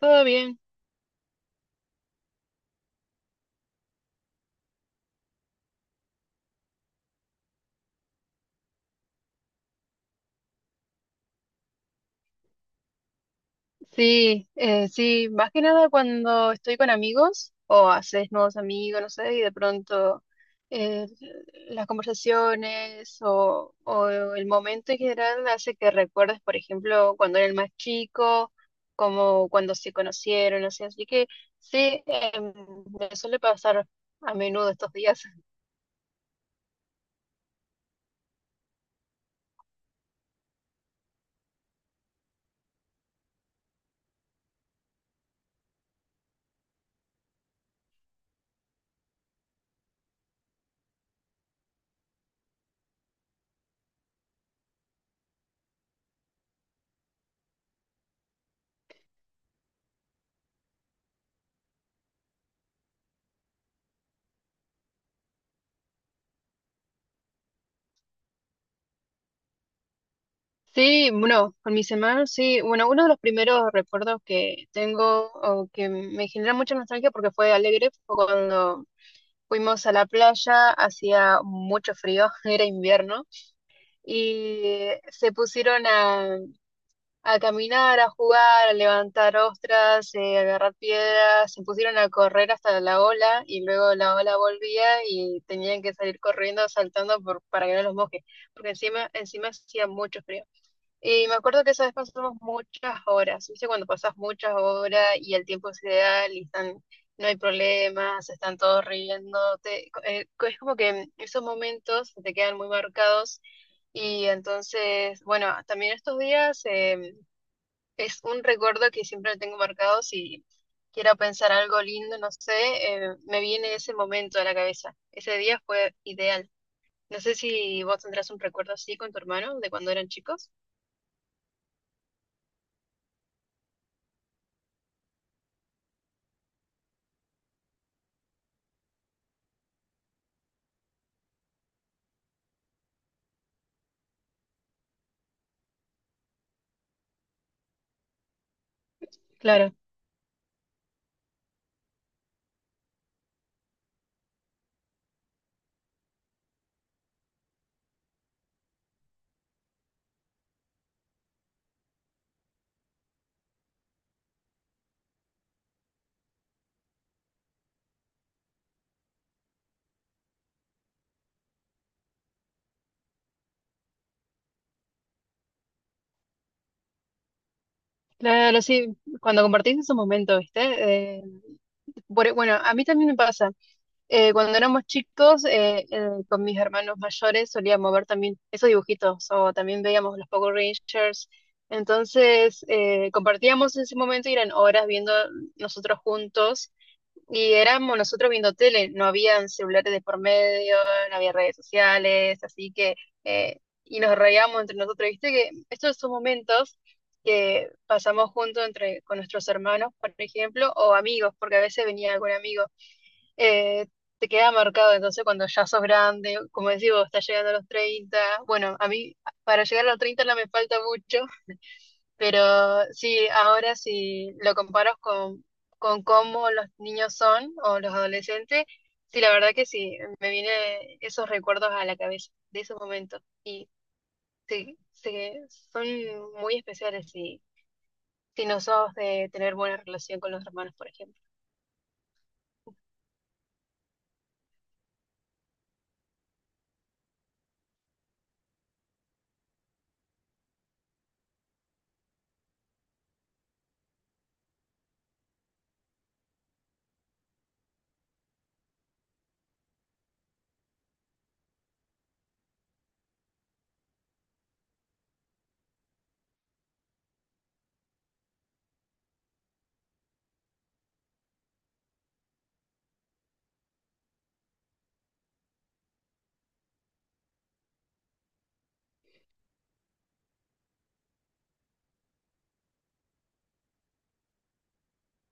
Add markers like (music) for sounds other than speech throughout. Todo bien, sí, sí, más que nada cuando estoy con amigos o haces nuevos amigos, no sé, y de pronto eh, las conversaciones o el momento en general hace que recuerdes, por ejemplo, cuando eres más chico, como cuando se conocieron, así, así que sí, me suele pasar a menudo estos días. Sí, bueno, con mis hermanos, sí. Bueno, uno de los primeros recuerdos que tengo o que me genera mucha nostalgia porque fue alegre fue cuando fuimos a la playa, hacía mucho frío, (laughs) era invierno, y se pusieron a caminar, a jugar, a levantar ostras, a agarrar piedras, se pusieron a correr hasta la ola y luego la ola volvía y tenían que salir corriendo, saltando para que no los moje, porque encima, encima hacía mucho frío. Y me acuerdo que esa vez pasamos muchas horas, ¿viste? Cuando pasas muchas horas y el tiempo es ideal y están, no hay problemas, están todos riéndote. Es como que esos momentos se te quedan muy marcados y entonces, bueno, también estos días es un recuerdo que siempre tengo marcado si quiero pensar algo lindo, no sé, me viene ese momento a la cabeza. Ese día fue ideal. No sé si vos tendrás un recuerdo así con tu hermano de cuando eran chicos. Claro. Claro, sí, cuando compartís esos momentos, ¿viste? Bueno, a mí también me pasa. Cuando éramos chicos, con mis hermanos mayores solíamos ver también esos dibujitos o también veíamos los Power Rangers. Entonces, compartíamos ese momento y eran horas viendo nosotros juntos y éramos nosotros viendo tele, no habían celulares de por medio, no había redes sociales, así que, eh, y nos reíamos entre nosotros, viste que estos son momentos que pasamos juntos entre, con nuestros hermanos, por ejemplo, o amigos, porque a veces venía algún amigo, eh, te queda marcado, entonces cuando ya sos grande, como decís vos, estás llegando a los 30. Bueno, a mí para llegar a los 30 no me falta mucho, pero sí, ahora si lo comparas con cómo los niños son o los adolescentes, sí, la verdad que sí, me vienen esos recuerdos a la cabeza de esos momentos. Y sí, sí, son muy especiales si, si no sos de tener buena relación con los hermanos, por ejemplo.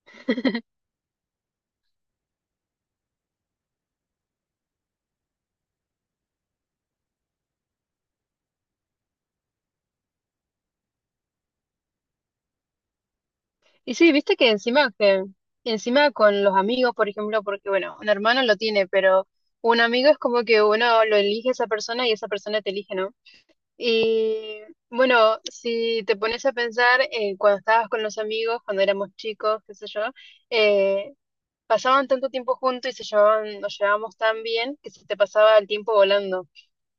(laughs) Y sí, viste que encima con los amigos, por ejemplo, porque bueno, un hermano lo tiene, pero un amigo es como que uno lo elige a esa persona y esa persona te elige, ¿no? Y bueno, si te pones a pensar, cuando estabas con los amigos, cuando éramos chicos, qué sé yo, eh, pasaban tanto tiempo juntos y se llevaban, nos llevábamos tan bien que se te pasaba el tiempo volando.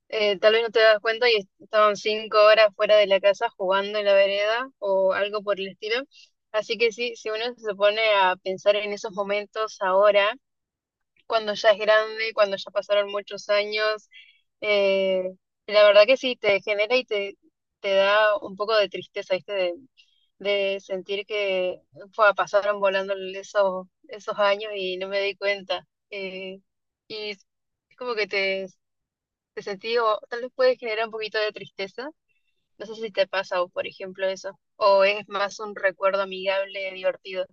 Tal vez no te das cuenta y estaban 5 horas fuera de la casa jugando en la vereda o algo por el estilo. Así que sí, si uno se pone a pensar en esos momentos ahora, cuando ya es grande, cuando ya pasaron muchos años. eh, la verdad que sí, te genera y te da un poco de tristeza, ¿viste? De sentir que fue, pasaron volando esos, esos años y no me di cuenta. Y es como que te sentí, o tal vez puede generar un poquito de tristeza. No sé si te pasa, o por ejemplo, eso. O es más un recuerdo amigable, divertido.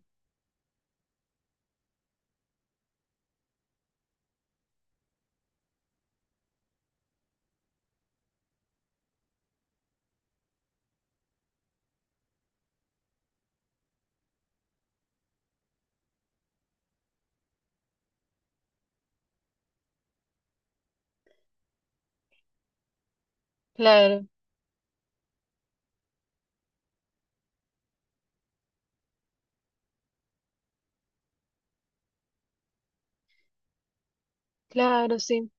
Claro, claro, sí.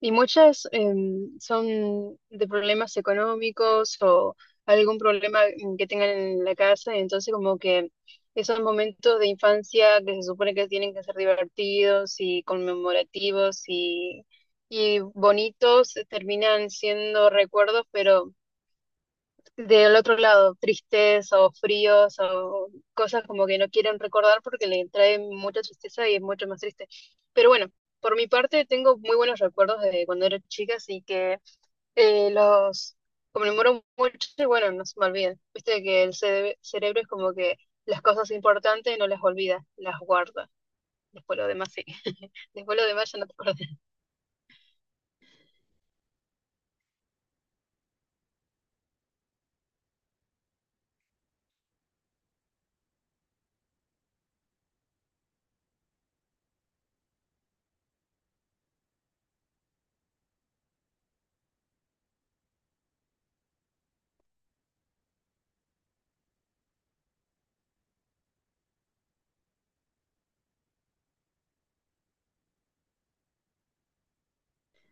Y muchas son de problemas económicos o algún problema que tengan en la casa, y entonces como que esos momentos de infancia que se supone que tienen que ser divertidos y conmemorativos y bonitos terminan siendo recuerdos, pero del otro lado, tristes o fríos o cosas como que no quieren recordar porque le trae mucha tristeza y es mucho más triste. Pero bueno, por mi parte tengo muy buenos recuerdos de cuando era chica, así que los conmemoro mucho y bueno, no se me olviden. Viste que el cerebro es como que las cosas importantes no las olvida, las guarda. Después lo demás sí. (laughs) Después lo demás ya no te acuerdas.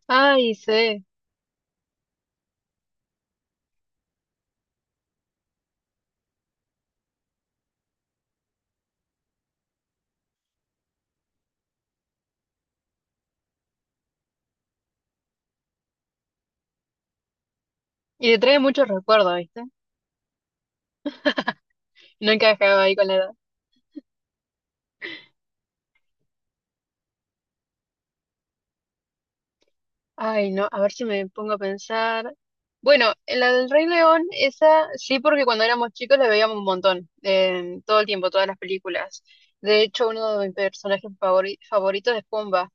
Ay, sí. Y te trae muchos recuerdos, ¿viste? No encajaba ahí con la edad. Ay, no, a ver si me pongo a pensar. Bueno, en la del Rey León, esa sí, porque cuando éramos chicos la veíamos un montón, todo el tiempo, todas las películas. De hecho, uno de mis personajes favoritos es Pumba.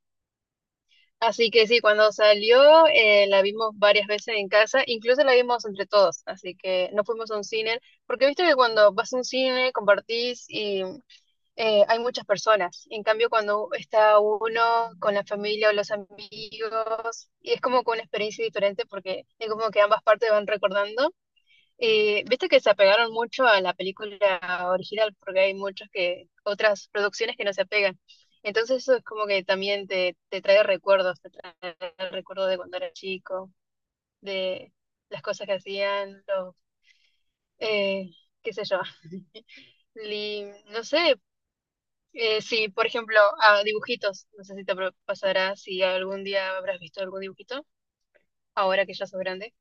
Así que sí, cuando salió, la vimos varias veces en casa, incluso la vimos entre todos, así que no fuimos a un cine, porque viste que cuando vas a un cine, compartís hay muchas personas. En cambio, cuando está uno con la familia o los amigos, y es como que una experiencia diferente porque es como que ambas partes van recordando. Viste que se apegaron mucho a la película original porque hay muchas que, otras producciones que no se apegan. Entonces eso es como que también te trae recuerdos, te trae el recuerdo de cuando era chico, de las cosas que hacían, los, eh, qué sé yo. (laughs) Y, no sé, sí, por ejemplo, a dibujitos. No sé si te pasará si algún día habrás visto algún dibujito, ahora que ya sos grande.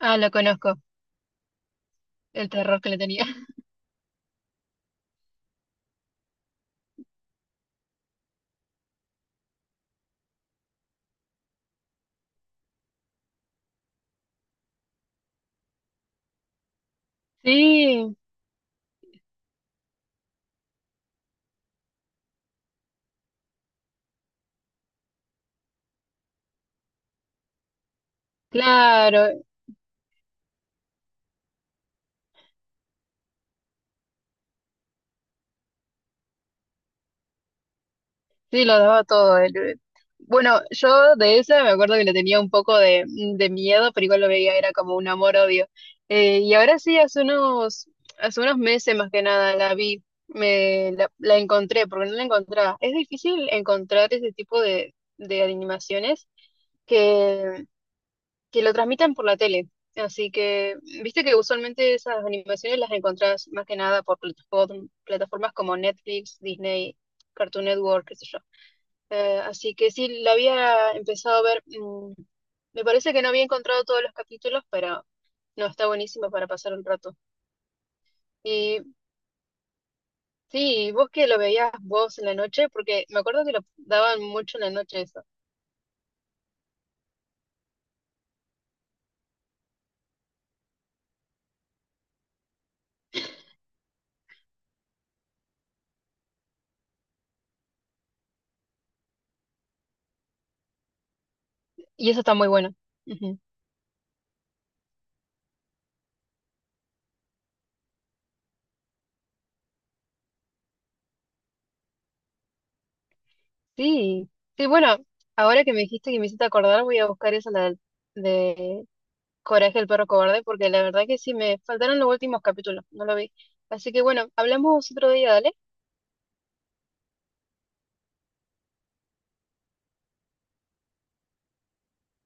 Ah, lo conozco, el terror que le tenía. (laughs) Sí, claro, sí, lo daba todo. Él, Bueno, yo de esa me acuerdo que le tenía un poco de miedo, pero igual lo veía, era como un amor-odio. Y ahora sí, hace unos meses más que nada la vi, me, la encontré, porque no la encontraba. Es difícil encontrar ese tipo de animaciones que, que lo transmitan por la tele. Así que, viste que usualmente esas animaciones las encontrás más que nada por plataformas como Netflix, Disney, Cartoon Network, qué sé yo. Así que sí, la había empezado a ver. Me parece que no había encontrado todos los capítulos, pero no, está buenísimo para pasar un rato. Y sí, vos que lo veías vos en la noche, porque me acuerdo que lo daban mucho en la noche eso. Y eso está muy bueno. Ujú. Sí, sí, bueno, ahora que me dijiste que me hiciste acordar, voy a buscar esa la de Coraje el perro cobarde, porque la verdad que sí, me faltaron los últimos capítulos, no lo vi. Así que bueno, hablamos otro día, dale.